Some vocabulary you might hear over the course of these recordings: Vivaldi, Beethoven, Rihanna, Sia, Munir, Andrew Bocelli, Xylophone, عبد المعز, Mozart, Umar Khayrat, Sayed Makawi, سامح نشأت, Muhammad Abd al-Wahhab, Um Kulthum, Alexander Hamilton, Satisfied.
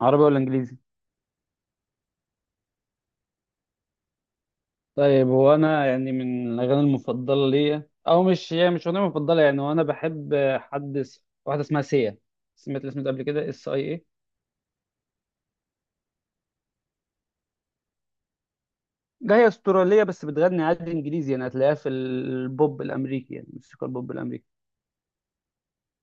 عربي ولا انجليزي؟ طيب هو انا يعني من الاغاني المفضله ليا، او مش هي، مش اغنيه مفضله يعني، وانا بحب واحده اسمها سيا. سمعت الاسم ده قبل كده؟ اس اي اي. ده هي استراليه بس بتغني عادي انجليزي، يعني هتلاقيها في البوب الامريكي، يعني موسيقى البوب الامريكي،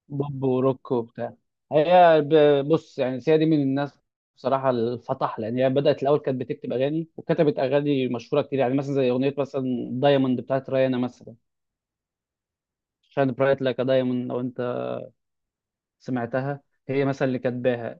بوب وروك وبتاع. بص يعني سيا دي من الناس بصراحه الفطح، لان هي بدات الاول كانت بتكتب اغاني، وكتبت اغاني مشهوره كتير، يعني مثلا زي اغنيه مثلا دايموند بتاعت ريانا مثلا، شاين برايت لايك دايموند، سمعتها؟ هي مثلا اللي كاتباها.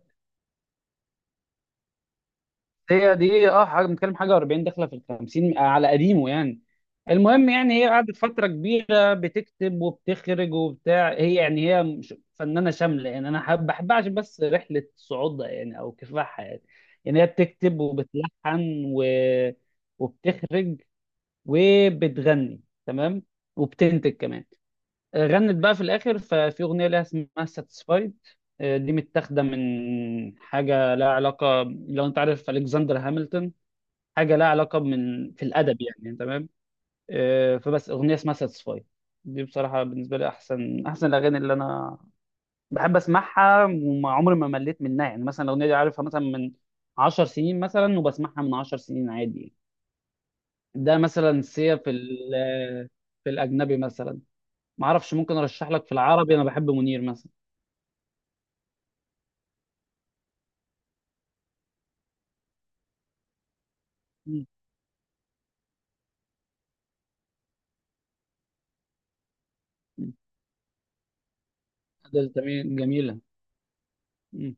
هي دي حاجه بنتكلم، حاجه 40 داخله في ال 50 على قديمه يعني. المهم يعني هي قعدت فتره كبيره بتكتب وبتخرج وبتاع، هي يعني هي مش- فنانه شامله يعني، انا بحبها عشان بس رحله صعودها يعني، او كفاحها يعني. يعني هي بتكتب وبتلحن وبتخرج وبتغني تمام وبتنتج كمان. غنت بقى في الاخر، ففي اغنيه لها اسمها ساتسفايد، دي متاخده من حاجه لها علاقه، لو انت عارف الكسندر هامilton، حاجه لها علاقه من في الادب يعني، تمام. فبس اغنيه اسمها ساتسفايد، دي بصراحه بالنسبه لي احسن احسن الاغاني اللي انا بحب اسمعها، وما عمري ما مليت منها يعني. مثلا الاغنيه دي عارفها مثلا من 10 سنين مثلا، وبسمعها من 10 سنين عادي يعني. ده مثلا سيا في ال- في الاجنبي مثلا ما اعرفش، ممكن ارشح لك. في العربي انا بحب منير مثلا. مم. مم. ده تمام، جميلة. مم.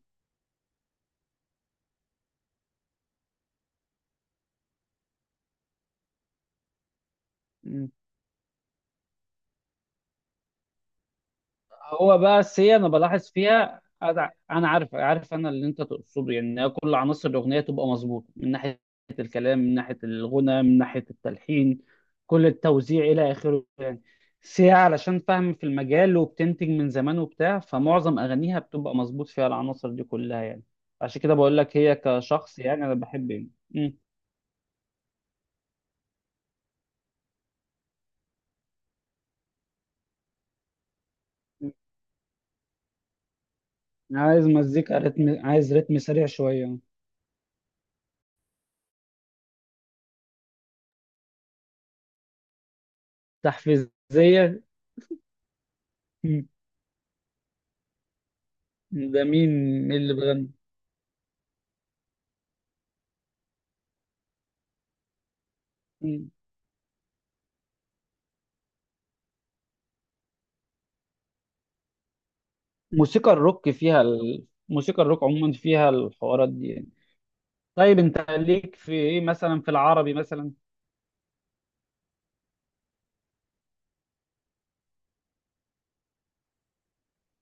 مم. هو بس هي أنا بلاحظ فيها، أنا عارف أنا اللي أنت تقصده، يعني إن كل عناصر الأغنية تبقى مظبوطة، من ناحية الكلام، من ناحية الغنى، من ناحية التلحين، كل التوزيع إلى آخره يعني. بس هي علشان فاهم في المجال وبتنتج من زمان وبتاع، فمعظم أغانيها بتبقى مظبوط فيها العناصر دي كلها يعني. عشان كده بقول لك هي كشخص يعني أنا بحب يعني. مم. مم. عايز مزيكا رتم، عايز رتم سريع شوية. تحفيزية. مم. ده مين؟ مين اللي بيغني؟ مم. موسيقى الروك عموما فيها الحوارات دي يعني. طيب انت ليك في ايه مثلا، في العربي مثلا؟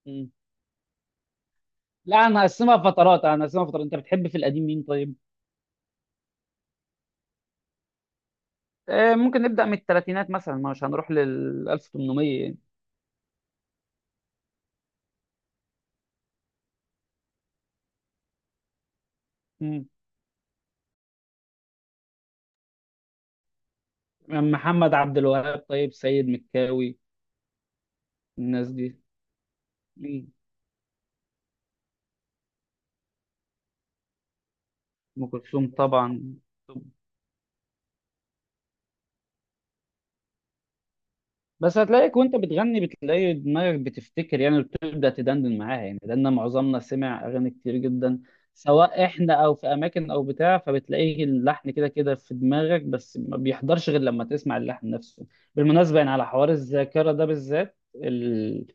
مم. لا انا هقسمها فترات، انت بتحب في القديم مين طيب؟ آه ممكن نبدأ من الثلاثينات مثلا، مش هنروح لل 1800 يعني. مم. محمد عبد الوهاب، طيب سيد مكاوي، الناس دي. مم. ام كلثوم طبعا. بس هتلاقيك وانت بتغني بتلاقي دماغك بتفتكر يعني، وبتبدأ تدندن معاها يعني، لان معظمنا سمع اغاني كتير جدا، سواء احنا او في اماكن او بتاع، فبتلاقي اللحن كده كده في دماغك، بس ما بيحضرش غير لما تسمع اللحن نفسه. بالمناسبة يعني، على حوار الذاكرة ده بالذات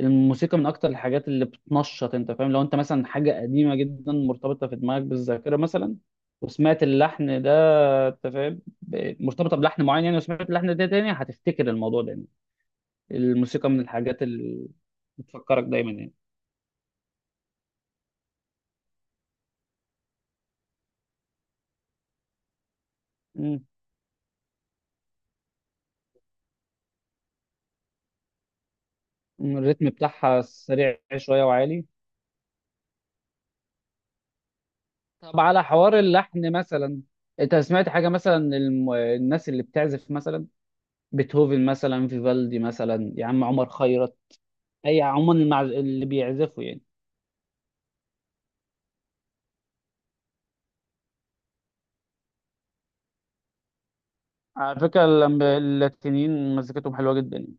الموسيقى من اكتر الحاجات اللي بتنشط، انت فاهم، لو انت مثلا حاجة قديمة جدا مرتبطة في دماغك بالذاكرة مثلا وسمعت اللحن ده، انت فاهم، مرتبطة بلحن معين يعني، وسمعت اللحن ده تاني، هتفتكر الموضوع ده. الموسيقى من الحاجات اللي بتفكرك دايما يعني. مم. الريتم بتاعها سريع شوية وعالي. طب على حوار اللحن مثلا، انت سمعت حاجة مثلا الناس اللي بتعزف مثلا بيتهوفن مثلا، فيفالدي مثلا، يا عم عمر خيرت، اي عموما اللي بيعزفوا يعني. على فكرة اللاتينيين مزيكتهم حلوة جدا يعني.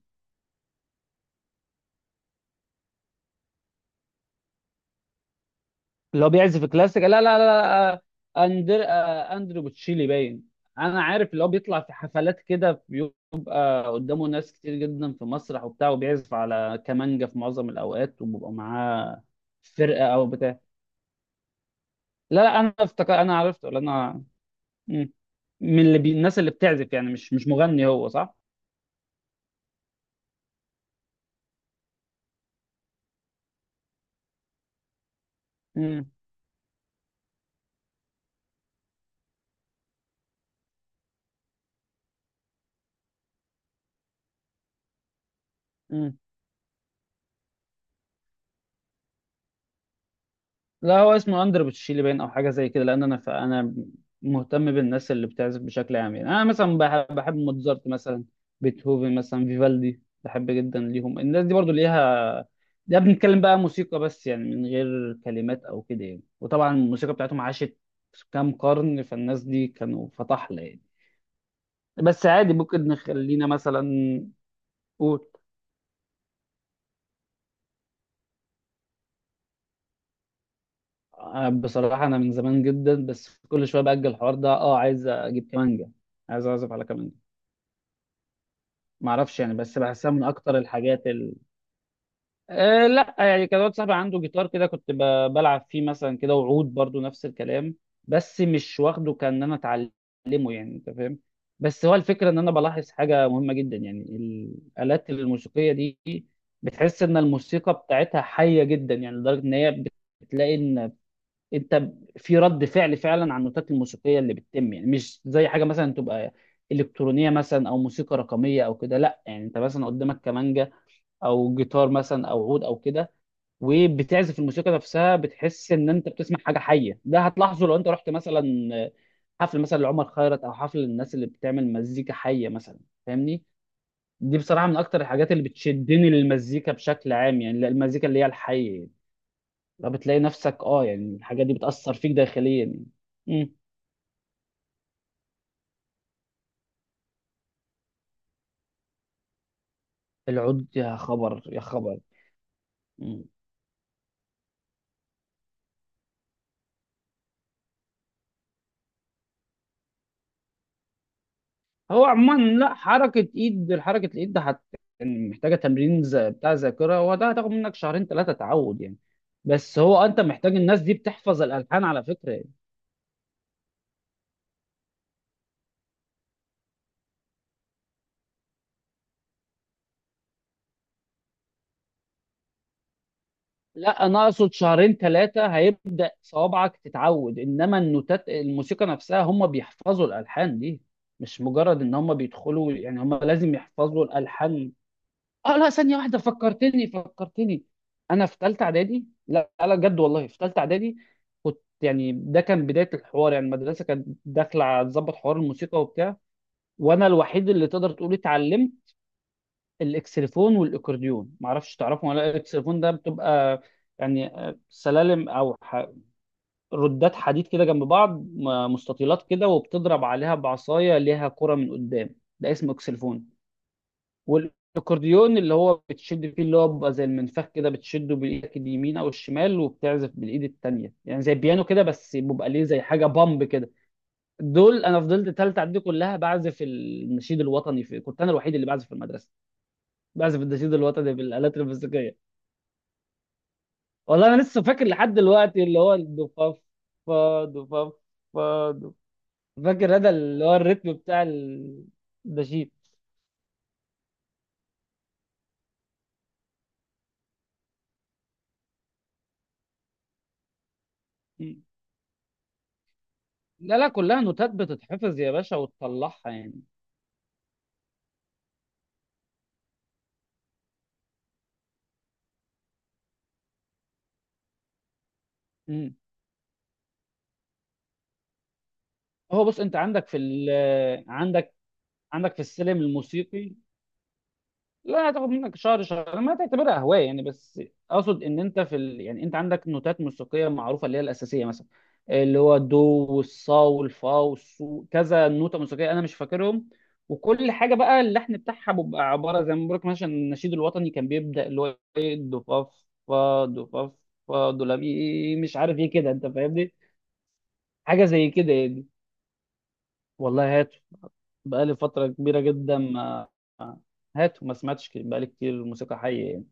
اللي هو بيعزف الكلاسيك، لا لا لا لا، اندرو بوتشيلي باين. انا عارف اللي هو بيطلع في حفلات كده، بيبقى قدامه ناس كتير جدا في مسرح وبتاع، وبيعزف على كمانجا في معظم الاوقات، وبيبقى معاه فرقه او بتاع. لا لا انا افتكر انا عرفت ولا انا. مم. الناس اللي بتعزف يعني، مش مغني هو، صح؟ مم. مم. لا هو اسمه اندر بتشيلي باين او حاجه زي كده، لان انا مهتم بالناس اللي بتعزف بشكل عام يعني، انا مثلا بحب موتزارت مثلا، بيتهوفن مثلا، فيفالدي، بحب جدا ليهم الناس دي، برضو ليها. ده بنتكلم بقى موسيقى بس يعني، من غير كلمات او كده يعني، وطبعا الموسيقى بتاعتهم عاشت كام قرن، فالناس دي كانوا فطحلة يعني. بس عادي ممكن نخلينا مثلا. قول. بصراحة أنا من زمان جدا، بس كل شوية بأجل الحوار ده، عايز أجيب كمانجة، عايز أعزف على كمانجة. ما اعرفش يعني، بس بحسها من اكتر الحاجات أه لا يعني، كان واحد صاحبي عنده جيتار كده، بلعب فيه مثلا كده، وعود برضو نفس الكلام، بس مش واخده كان انا اتعلمه يعني، انت فاهم. بس هو الفكره، ان انا بلاحظ حاجه مهمه جدا يعني، الالات الموسيقيه دي بتحس ان الموسيقى بتاعتها حيه جدا يعني، لدرجه ان هي بتلاقي ان انت في رد فعل فعلا على النوتات الموسيقيه اللي بتتم يعني، مش زي حاجه مثلا تبقى الكترونيه مثلا، او موسيقى رقميه او كده. لا يعني انت مثلا قدامك كمانجا، او جيتار مثلا، او عود او كده، وبتعزف الموسيقى نفسها بتحس ان انت بتسمع حاجه حيه. ده هتلاحظه لو انت رحت مثلا حفل مثلا لعمر خيرت، او حفل للناس اللي بتعمل مزيكا حيه مثلا، فاهمني؟ دي بصراحه من اكتر الحاجات اللي بتشدني للمزيكا بشكل عام يعني، المزيكا اللي هي الحيه. فبتلاقي نفسك، اه يعني، الحاجات دي بتأثر فيك داخليا يعني. مم. العود، يا خبر يا خبر. مم. هو عموما لا، حركة الايد ده يعني محتاجة تمرين، بتاع ذاكرة، وده هتاخد منك شهرين ثلاثة تعود يعني. بس هو انت محتاج، الناس دي بتحفظ الالحان على فكرة يعني. لا انا اقصد شهرين ثلاثة هيبدأ صوابعك تتعود، انما النوتات الموسيقى نفسها هم بيحفظوا الالحان دي، مش مجرد ان هم بيدخلوا يعني، هم لازم يحفظوا الالحان. اه لا، ثانية واحدة، فكرتني فكرتني، أنا في تالتة إعدادي، لا لا بجد والله في تالتة إعدادي، كنت يعني ده كان بداية الحوار يعني، المدرسة كانت داخلة على تظبط حوار الموسيقى وبتاع، وأنا الوحيد اللي تقدر تقول اتعلمت الإكسليفون والإكورديون، معرفش تعرفهم ولا لأ. الإكسليفون ده بتبقى يعني سلالم، ردات حديد كده جنب بعض، مستطيلات كده وبتضرب عليها بعصاية ليها كرة من قدام، ده اسمه إكسليفون. والاكورديون اللي هو بتشد فيه، اللي هو بيبقى زي المنفخ كده، بتشده بالايدك اليمين او الشمال وبتعزف بالايد التانية، يعني زي البيانو كده، بس بيبقى ليه زي حاجه بامب كده. دول انا فضلت تالتة اعدادي كلها بعزف النشيد الوطني في، كنت انا الوحيد اللي بعزف في المدرسه، بعزف النشيد الوطني بالالات الموسيقيه. والله انا لسه فاكر لحد دلوقتي اللي هو الدوفاف، فا دوفاف، فا دوف. فاكر هذا اللي هو الريتم بتاع النشيد. لا لا كلها نوتات بتتحفظ يا باشا وتطلعها يعني. هو بص انت عندك في ال عندك عندك في السلم الموسيقي. لا هتاخد منك شهر شهر ما تعتبرها هوايه يعني بس. اقصد ان انت في يعني انت عندك نوتات موسيقيه معروفه اللي هي الاساسيه مثلا، اللي هو الدو والصا والفا والصو، كذا نوته موسيقيه انا مش فاكرهم. وكل حاجه بقى اللحن بتاعها بيبقى عباره، زي ما بقولك مثلا النشيد الوطني كان بيبدا اللي هو ايه، دو فا، فا دو فا، فا دو لا مي، مش عارف ايه كده، انت فاهمني، حاجه زي كده يعني. والله بقالي فترة كبيرة جدا ما هاتوا، ما سمعتش بقالي كتير موسيقى حية يعني.